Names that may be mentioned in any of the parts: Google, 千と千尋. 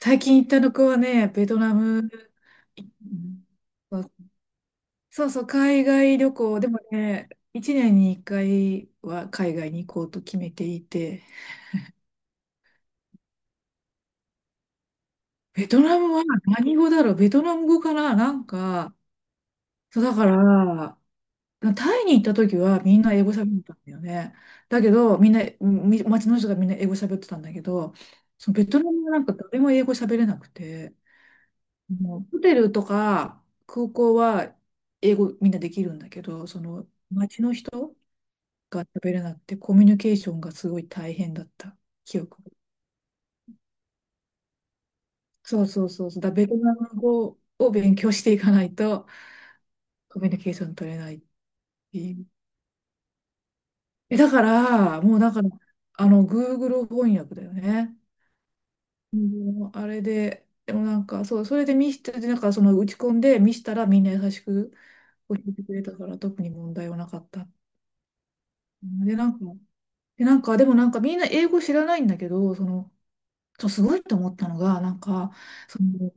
最近行った旅行はね、ベトナム。うん、そうそう、海外旅行、でもね、1年に1回は海外に行こうと決めていて、ベトナムは何語だろう、ベトナム語かな。なんか、そうだから、タイに行った時はみんな英語喋ってたんだよね。だけど、みんな、街の人がみんな英語喋ってたんだけど、そのベトナムはなんか誰も英語喋れなくて、もうホテルとか空港は英語みんなできるんだけど、その街の人が喋れなくてコミュニケーションがすごい大変だった記憶。そうそうそうそう。だからベトナム語を勉強していかないとコミュニケーション取れないっていう。え、だから、もうだから、あの、Google 翻訳だよね。もうあれで、でもなんか、そう、それで見して、なんかその打ち込んで見したらみんな優しく教えてくれたから特に問題はなかった。で、なんか、でもなんかみんな英語知らないんだけど、その、そう、すごいと思ったのが、なんか、その、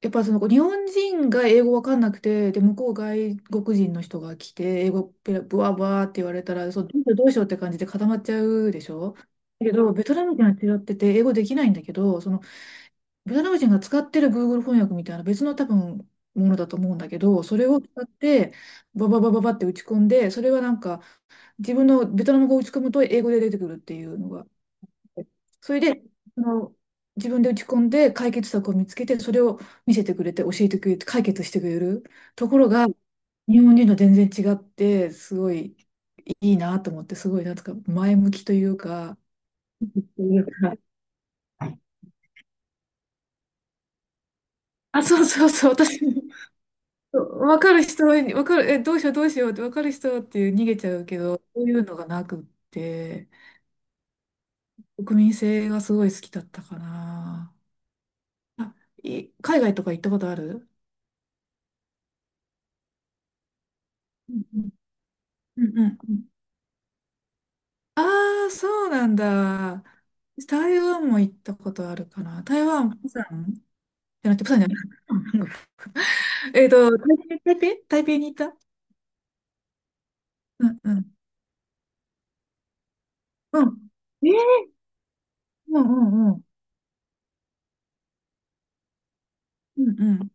やっぱその日本人が英語わかんなくて、で、向こう外国人の人が来て、英語ペラブワブワって言われたら、そう、どうしようどうしようって感じで固まっちゃうでしょ。だけど、ベトナム人は違ってて、英語できないんだけど、その、ベトナム人が使ってる Google 翻訳みたいな別の多分、ものだと思うんだけど、それを使って、バババババって打ち込んで、それはなんか、自分のベトナム語を打ち込むと英語で出てくるっていうのが。それで、その、自分で打ち込んで解決策を見つけて、それを見せてくれて、教えてくれて、解決してくれるところが、日本人と全然違って、すごいいいなと思って、すごいなんとか前向きというか、というかあ、そうそうそう、私も、分かる人は、分かる、え、どうしようどうしようって、分かる人っていう逃げちゃうけど、そういうのがなくって、国民性がすごい好きだったかな。あ、海外とか行ったことある？うん、うん、うん、うん。ああ、そうなんだ。台湾も行ったことあるかな。台湾、釜山じゃなくて、釜山じゃない。えっと、台北、台台北に行った。うん、うん。うん。えー。うんうんうん。うんう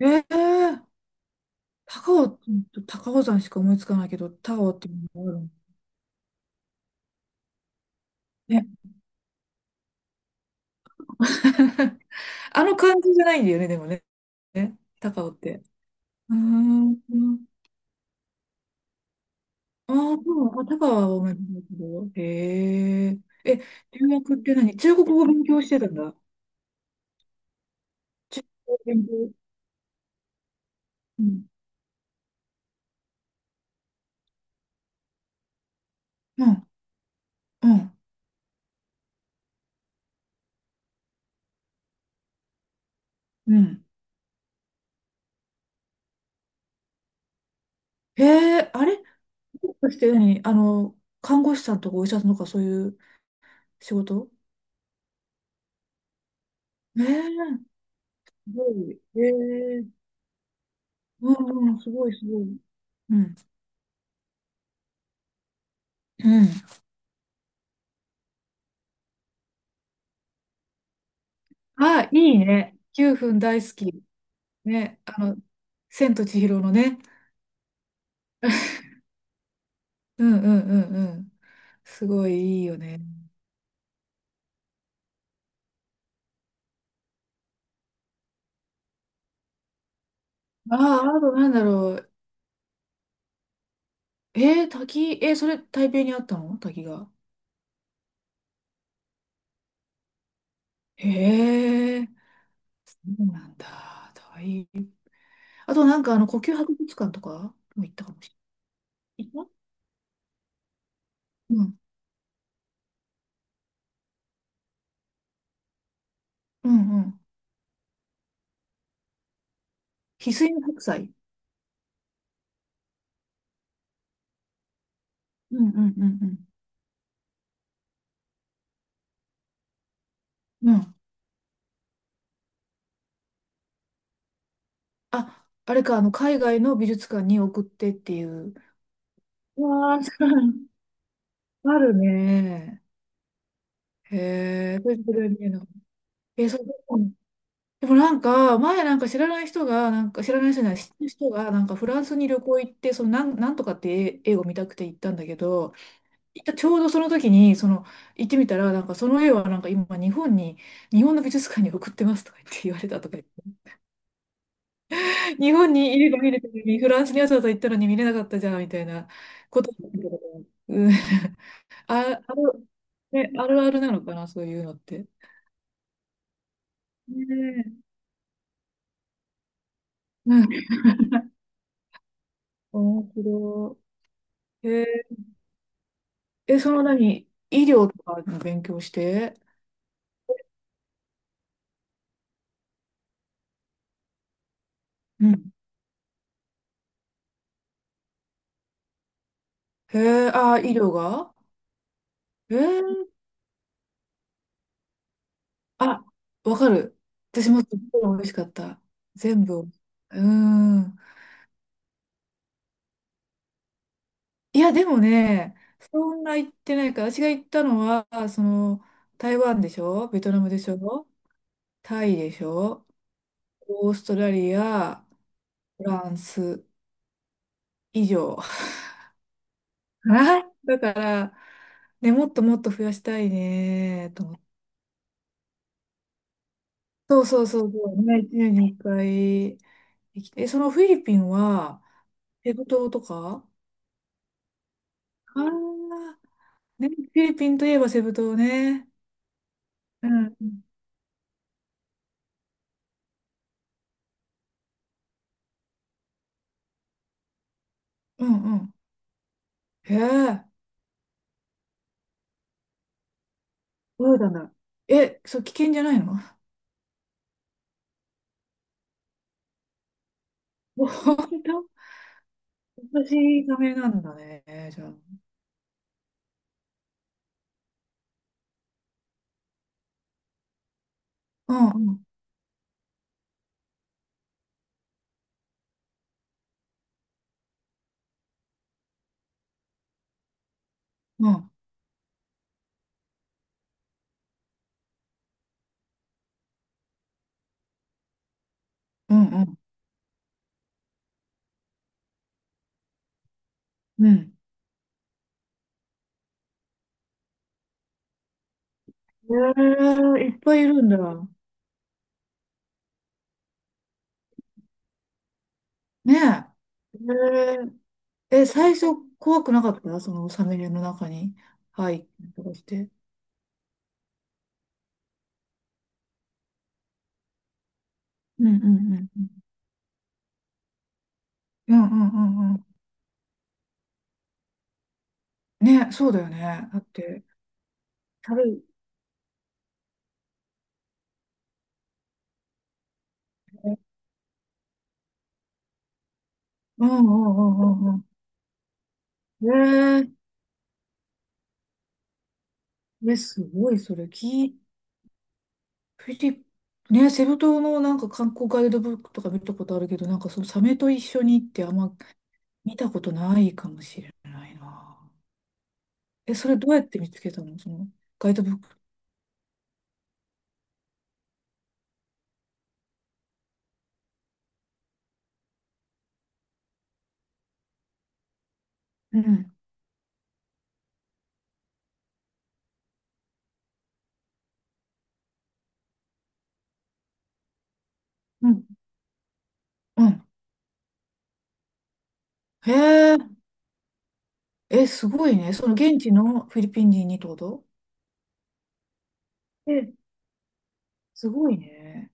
ん。えー。高尾、高尾山しか思いつかないけど、高尾っていうのがあるのね。あの感じじゃないんだよね、でもね。ね高尾って。うーん。ああ、そう、あ高尾は思い出すけど。へえ。え、留学って何、中国語勉強してたんだ。中古で、うん、うん、うん。うん。へえ、あれ、もしかして何あの、看護師さんとかお医者さんとかそういう仕事？ええ、すごい。ええ、うんうん、すごい、すごい。うん。うん。あ、いいね。9分大好き。ね、あの、千と千尋のね。うんうんうんうん。すごいいいよね。ああ、あとなんだろう。えー、滝、えーそれ台北にあったの、滝が。へえ。そうなんだ。大変。あとなんかあの呼吸博物館とかも行ったかもしれない。行った？うん。うんうん。翡翠の白菜。うんうんうんうん。うん。あ、あれか、あの海外の美術館に送ってっていう。うわあ、あるね。へえ、それぐらい見えない。え、そう、うん、でもなんか、前なんか知らない人が、なんか知らない人じゃない、知ってる人が、なんかフランスに旅行行って、そのなんとかって絵を見たくて行ったんだけど、行ったちょうどその時に、その、行ってみたら、なんかその絵はなんか今日本に、日本の美術館に送ってますとか言って言われたとか言って、日本にいれば見れたのに、フランスにわざわざ行ったのに見れなかったじゃんみたいなことだけど、うん、あ、ね、あるあるなのかな、そういうのって。ねえ、うん、面白い。へえ。え、その何、医療とかの勉強して、うん。へえ、あ、医療が。へえ。あ、わかる。私もすっごい美味しかった。全部。うーん。いや、でもね、そんな行ってないから、私が行ったのは、その、台湾でしょ、ベトナムでしょ、タイでしょ、オーストラリア、フランス以上。はい。だから、ね、もっともっと増やしたいね、と思って。そうそうそうそう、ね、年に1回え、そのフィリピンは、ペグ島とか。ああー、ね、フィリピンといえばセブ島ね。うん。うんうんうん。へえ。そうだな。え、そう、危険じゃないの？ 本当？私、ダメなんだね、じゃあ。うんうん。うんうんうんうん。ええ、いっぱいいるんだ。ねえ。ええ。え、最初怖くなかった、そのサメの中に入ったりとかして。うんうんうんうん。うんうんうんうん。ね、そうだよね。だって。軽い。うんうんうんうんうん。へえ。え、すごい、それ、き、フィリ、ね、セブ島のなんか観光ガイドブックとか見たことあるけど、なんかそのサメと一緒にってあんま見たことないかもしれないな。え、それどうやって見つけたの、そのガイドブック。うん。うん。うん。へえ、え、すごいね。その現地のフィリピン人にってこと？え、すごいね。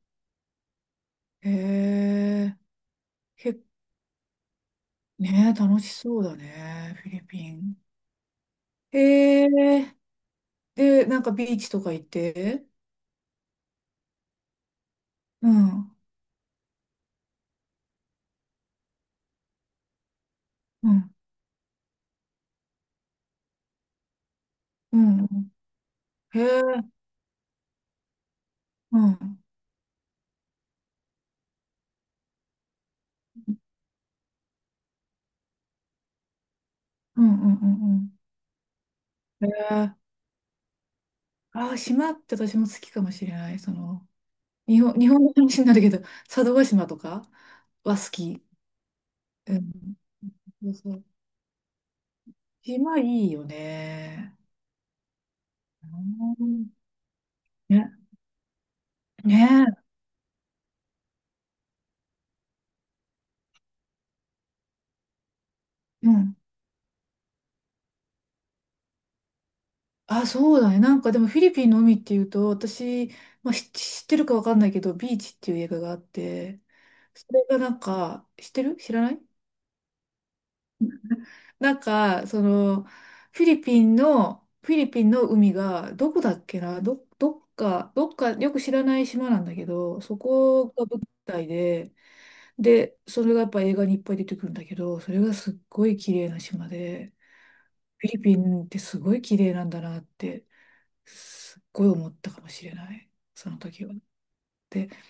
へえ、け、ね、楽しそうだね、フィリピン。へえ、で、なんかビーチとか行って、うん。うん、うん、うん。へえ、うん、うん、うん、うん、うん。へえ、ああ、島って私も好きかもしれない。その、日本の話になるけど、佐渡島とかは好き。うん、そうそう。島いいよね。うん。ね、ねえ、うん。あ、そうだね。なんかでもフィリピンの海っていうと、私、まあ、知ってるかわかんないけど、ビーチっていう映画があって、それがなんか、知ってる？知らない？なんか、その、フィリピンの、海が、どこだっけな、どっか、よく知らない島なんだけど、そこが舞台で、で、それがやっぱ映画にいっぱい出てくるんだけど、それがすっごい綺麗な島で、フィリピンってすごい綺麗なんだなって、すっごい思ったかもしれない、その時は。